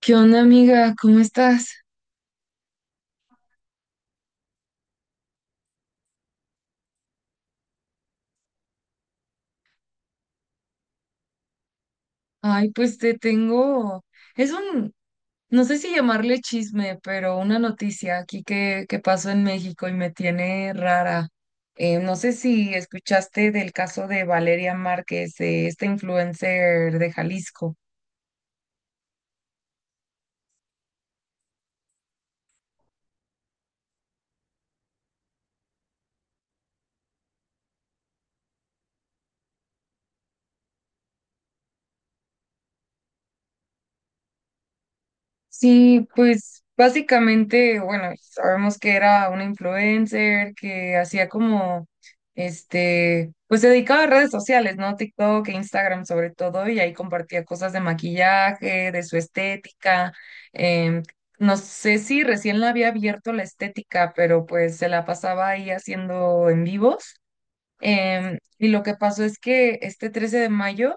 ¿Qué onda, amiga? ¿Cómo estás? Ay, pues te tengo. Es un, no sé si llamarle chisme, pero una noticia aquí que pasó en México y me tiene rara. No sé si escuchaste del caso de Valeria Márquez, esta influencer de Jalisco. Sí, pues básicamente, bueno, sabemos que era una influencer que hacía como, este, pues se dedicaba a redes sociales, ¿no? TikTok e Instagram sobre todo, y ahí compartía cosas de maquillaje, de su estética. em, no sé si recién la había abierto la estética, pero pues se la pasaba ahí haciendo en vivos. Y lo que pasó es que este 13 de mayo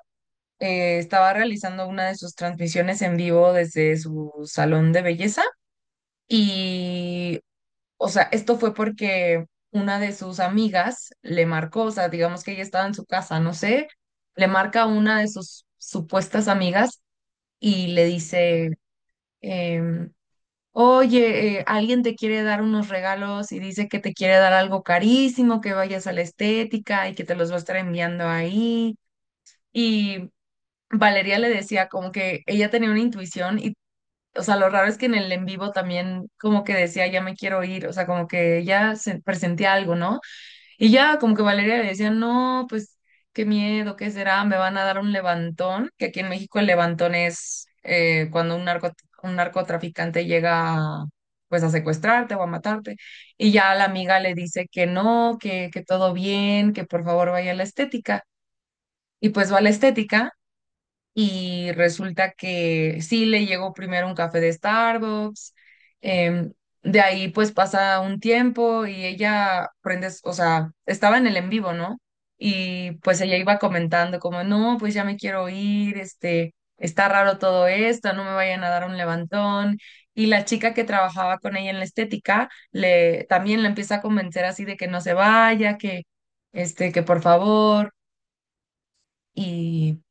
estaba realizando una de sus transmisiones en vivo desde su salón de belleza y, o sea, esto fue porque una de sus amigas le marcó, o sea, digamos que ella estaba en su casa, no sé, le marca a una de sus supuestas amigas y le dice, em, oye, alguien te quiere dar unos regalos y dice que te quiere dar algo carísimo, que vayas a la estética y que te los va a estar enviando ahí. Y Valeria le decía como que ella tenía una intuición o sea, lo raro es que en el en vivo también como que decía, ya me quiero ir, o sea, como que ella se presentía algo, ¿no? Y ya como que Valeria le decía, no, pues qué miedo, ¿qué será? Me van a dar un levantón, que aquí en México el levantón es cuando un narcotraficante llega pues a secuestrarte o a matarte. Y ya la amiga le dice que no, que todo bien, que por favor vaya a la estética. Y pues va a la estética y resulta que sí le llegó primero un café de Starbucks, em, de ahí pues pasa un tiempo y ella prende, o sea, estaba en el en vivo, ¿no? Y pues ella iba comentando como, no, pues ya me quiero ir, este, está raro todo esto, no me vayan a dar un levantón. Y la chica que trabajaba con ella en la estética le también la empieza a convencer así de que no se vaya, que este, que por favor. y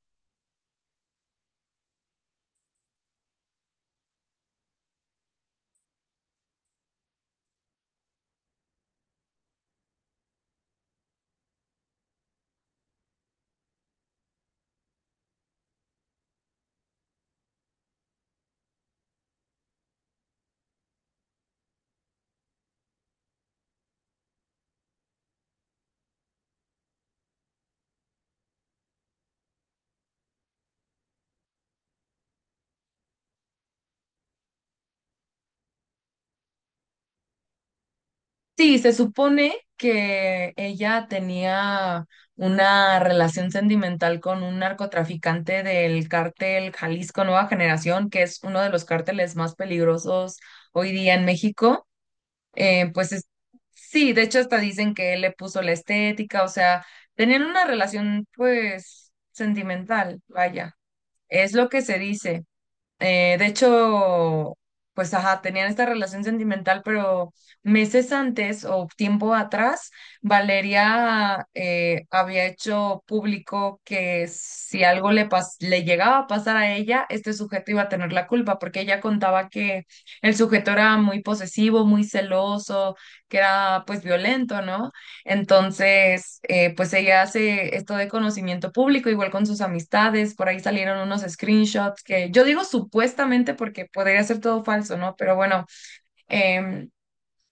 Sí, se supone que ella tenía una relación sentimental con un narcotraficante del cártel Jalisco Nueva Generación, que es uno de los cárteles más peligrosos hoy día en México. Eh, pues es- sí, de hecho hasta dicen que él le puso la estética, o sea, tenían una relación pues sentimental, vaya, es lo que se dice. De hecho, pues ajá, tenían esta relación sentimental, pero meses antes o tiempo atrás, Valeria había hecho público que si algo le llegaba a pasar a ella, este sujeto iba a tener la culpa, porque ella contaba que el sujeto era muy posesivo, muy celoso, que era pues violento, ¿no? Entonces, pues ella hace esto de conocimiento público, igual con sus amistades, por ahí salieron unos screenshots que yo digo supuestamente porque podría ser todo falso, ¿no? Pero bueno, em,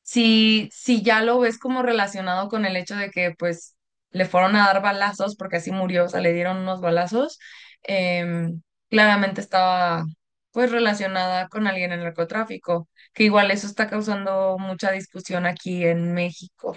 si ya lo ves como relacionado con el hecho de que pues le fueron a dar balazos, porque así murió, o sea, le dieron unos balazos, em, claramente estaba pues relacionada con alguien en el narcotráfico, que igual eso está causando mucha discusión aquí en México.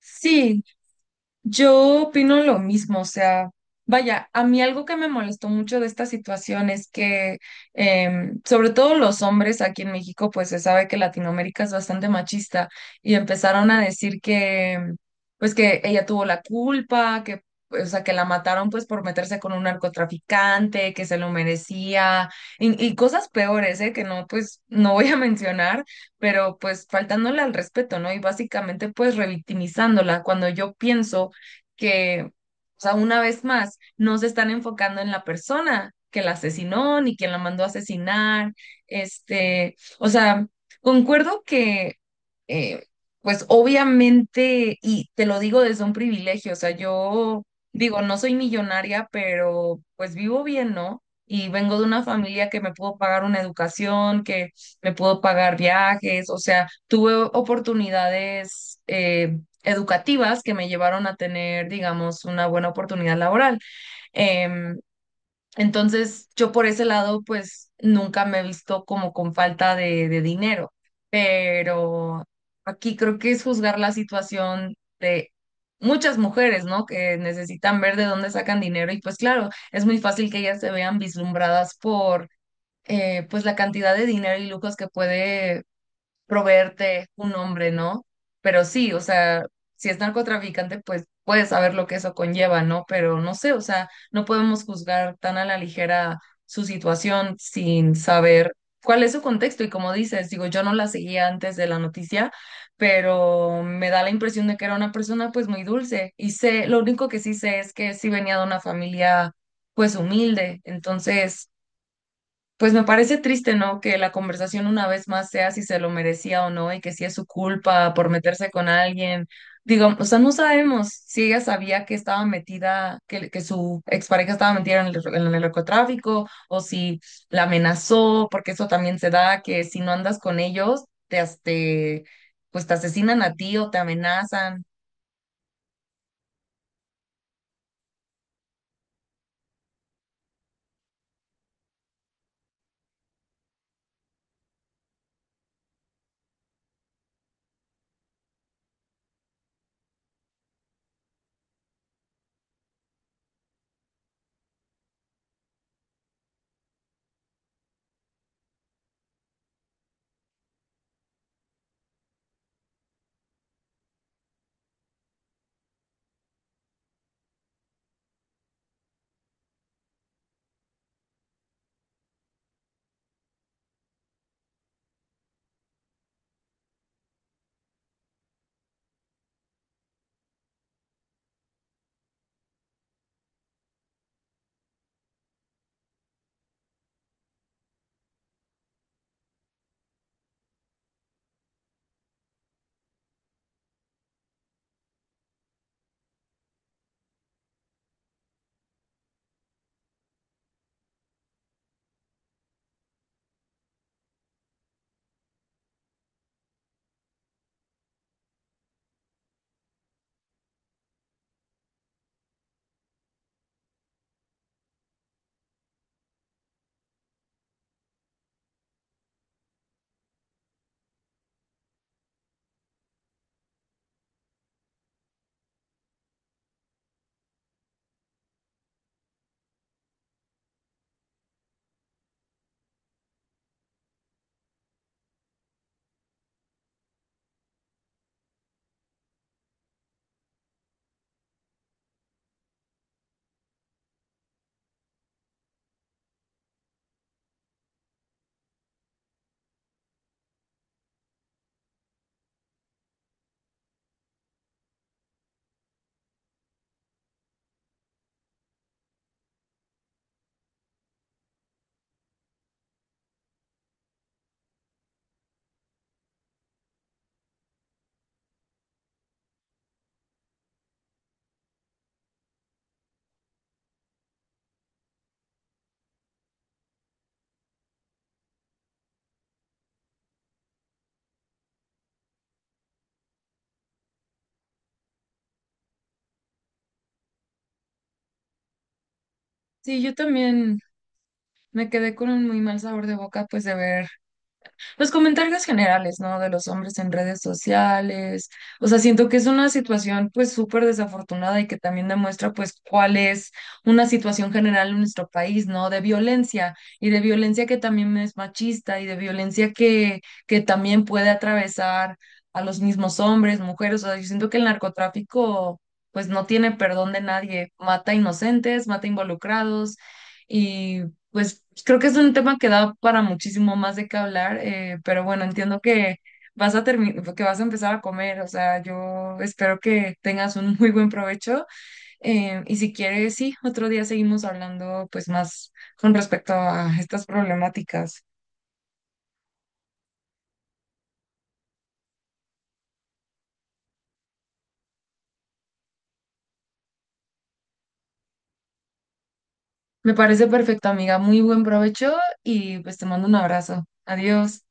Sí, yo opino lo mismo, o sea, vaya, a mí algo que me molestó mucho de esta situación es que, sobre todo los hombres aquí en México, pues se sabe que Latinoamérica es bastante machista y empezaron a decir que, pues que ella tuvo la culpa, que, o sea, que la mataron pues por meterse con un narcotraficante, que se lo merecía y cosas peores, ¿eh? Que no, pues no voy a mencionar pero pues faltándole al respeto, ¿no? Y básicamente pues revictimizándola, cuando yo pienso que, o sea, una vez más, no se están enfocando en la persona que la asesinó ni quien la mandó a asesinar. Este, o sea, concuerdo que, eh, pues obviamente, y te lo digo desde un privilegio, o sea, yo digo, no soy millonaria, pero pues vivo bien, ¿no? Y vengo de una familia que me pudo pagar una educación, que me pudo pagar viajes, o sea, tuve oportunidades, educativas que me llevaron a tener, digamos, una buena oportunidad laboral. Em, entonces, yo por ese lado, pues nunca me he visto como con falta de dinero, pero aquí creo que es juzgar la situación de muchas mujeres, ¿no? Que necesitan ver de dónde sacan dinero y pues claro, es muy fácil que ellas se vean vislumbradas por... pues la cantidad de dinero y lujos que puede proveerte un hombre, ¿no? Pero sí, o sea, si es narcotraficante, pues puedes saber lo que eso conlleva, ¿no? Pero no sé, o sea, no podemos juzgar tan a la ligera su situación sin saber cuál es su contexto. Y como dices, digo, yo no la seguía antes de la noticia, pero me da la impresión de que era una persona pues muy dulce. Y sé, lo único que sí sé es que sí venía de una familia pues humilde. Entonces pues me parece triste, ¿no? Que la conversación una vez más sea si se lo merecía o no y que si es su culpa por meterse con alguien. Digo, o sea, no sabemos si ella sabía que estaba metida, que su expareja estaba metida en el narcotráfico o si la amenazó, porque eso también se da, que si no andas con ellos, pues te asesinan a ti o te amenazan. Sí, yo también me quedé con un muy mal sabor de boca, pues de ver. Los comentarios generales, ¿no? De los hombres en redes sociales. O sea, siento que es una situación pues súper desafortunada y que también demuestra pues cuál es una situación general en nuestro país, ¿no? De violencia y de violencia que también es machista y de violencia que también puede atravesar a los mismos hombres, mujeres. O sea, yo siento que el narcotráfico pues no tiene perdón de nadie. Mata inocentes, mata involucrados. Pues creo que es un tema que da para muchísimo más de qué hablar, pero bueno, entiendo que que vas a empezar a comer, o sea, yo espero que tengas un muy buen provecho y si quieres, sí, otro día seguimos hablando pues más con respecto a estas problemáticas. Me parece perfecto, amiga, muy buen provecho y pues te mando un abrazo. Adiós.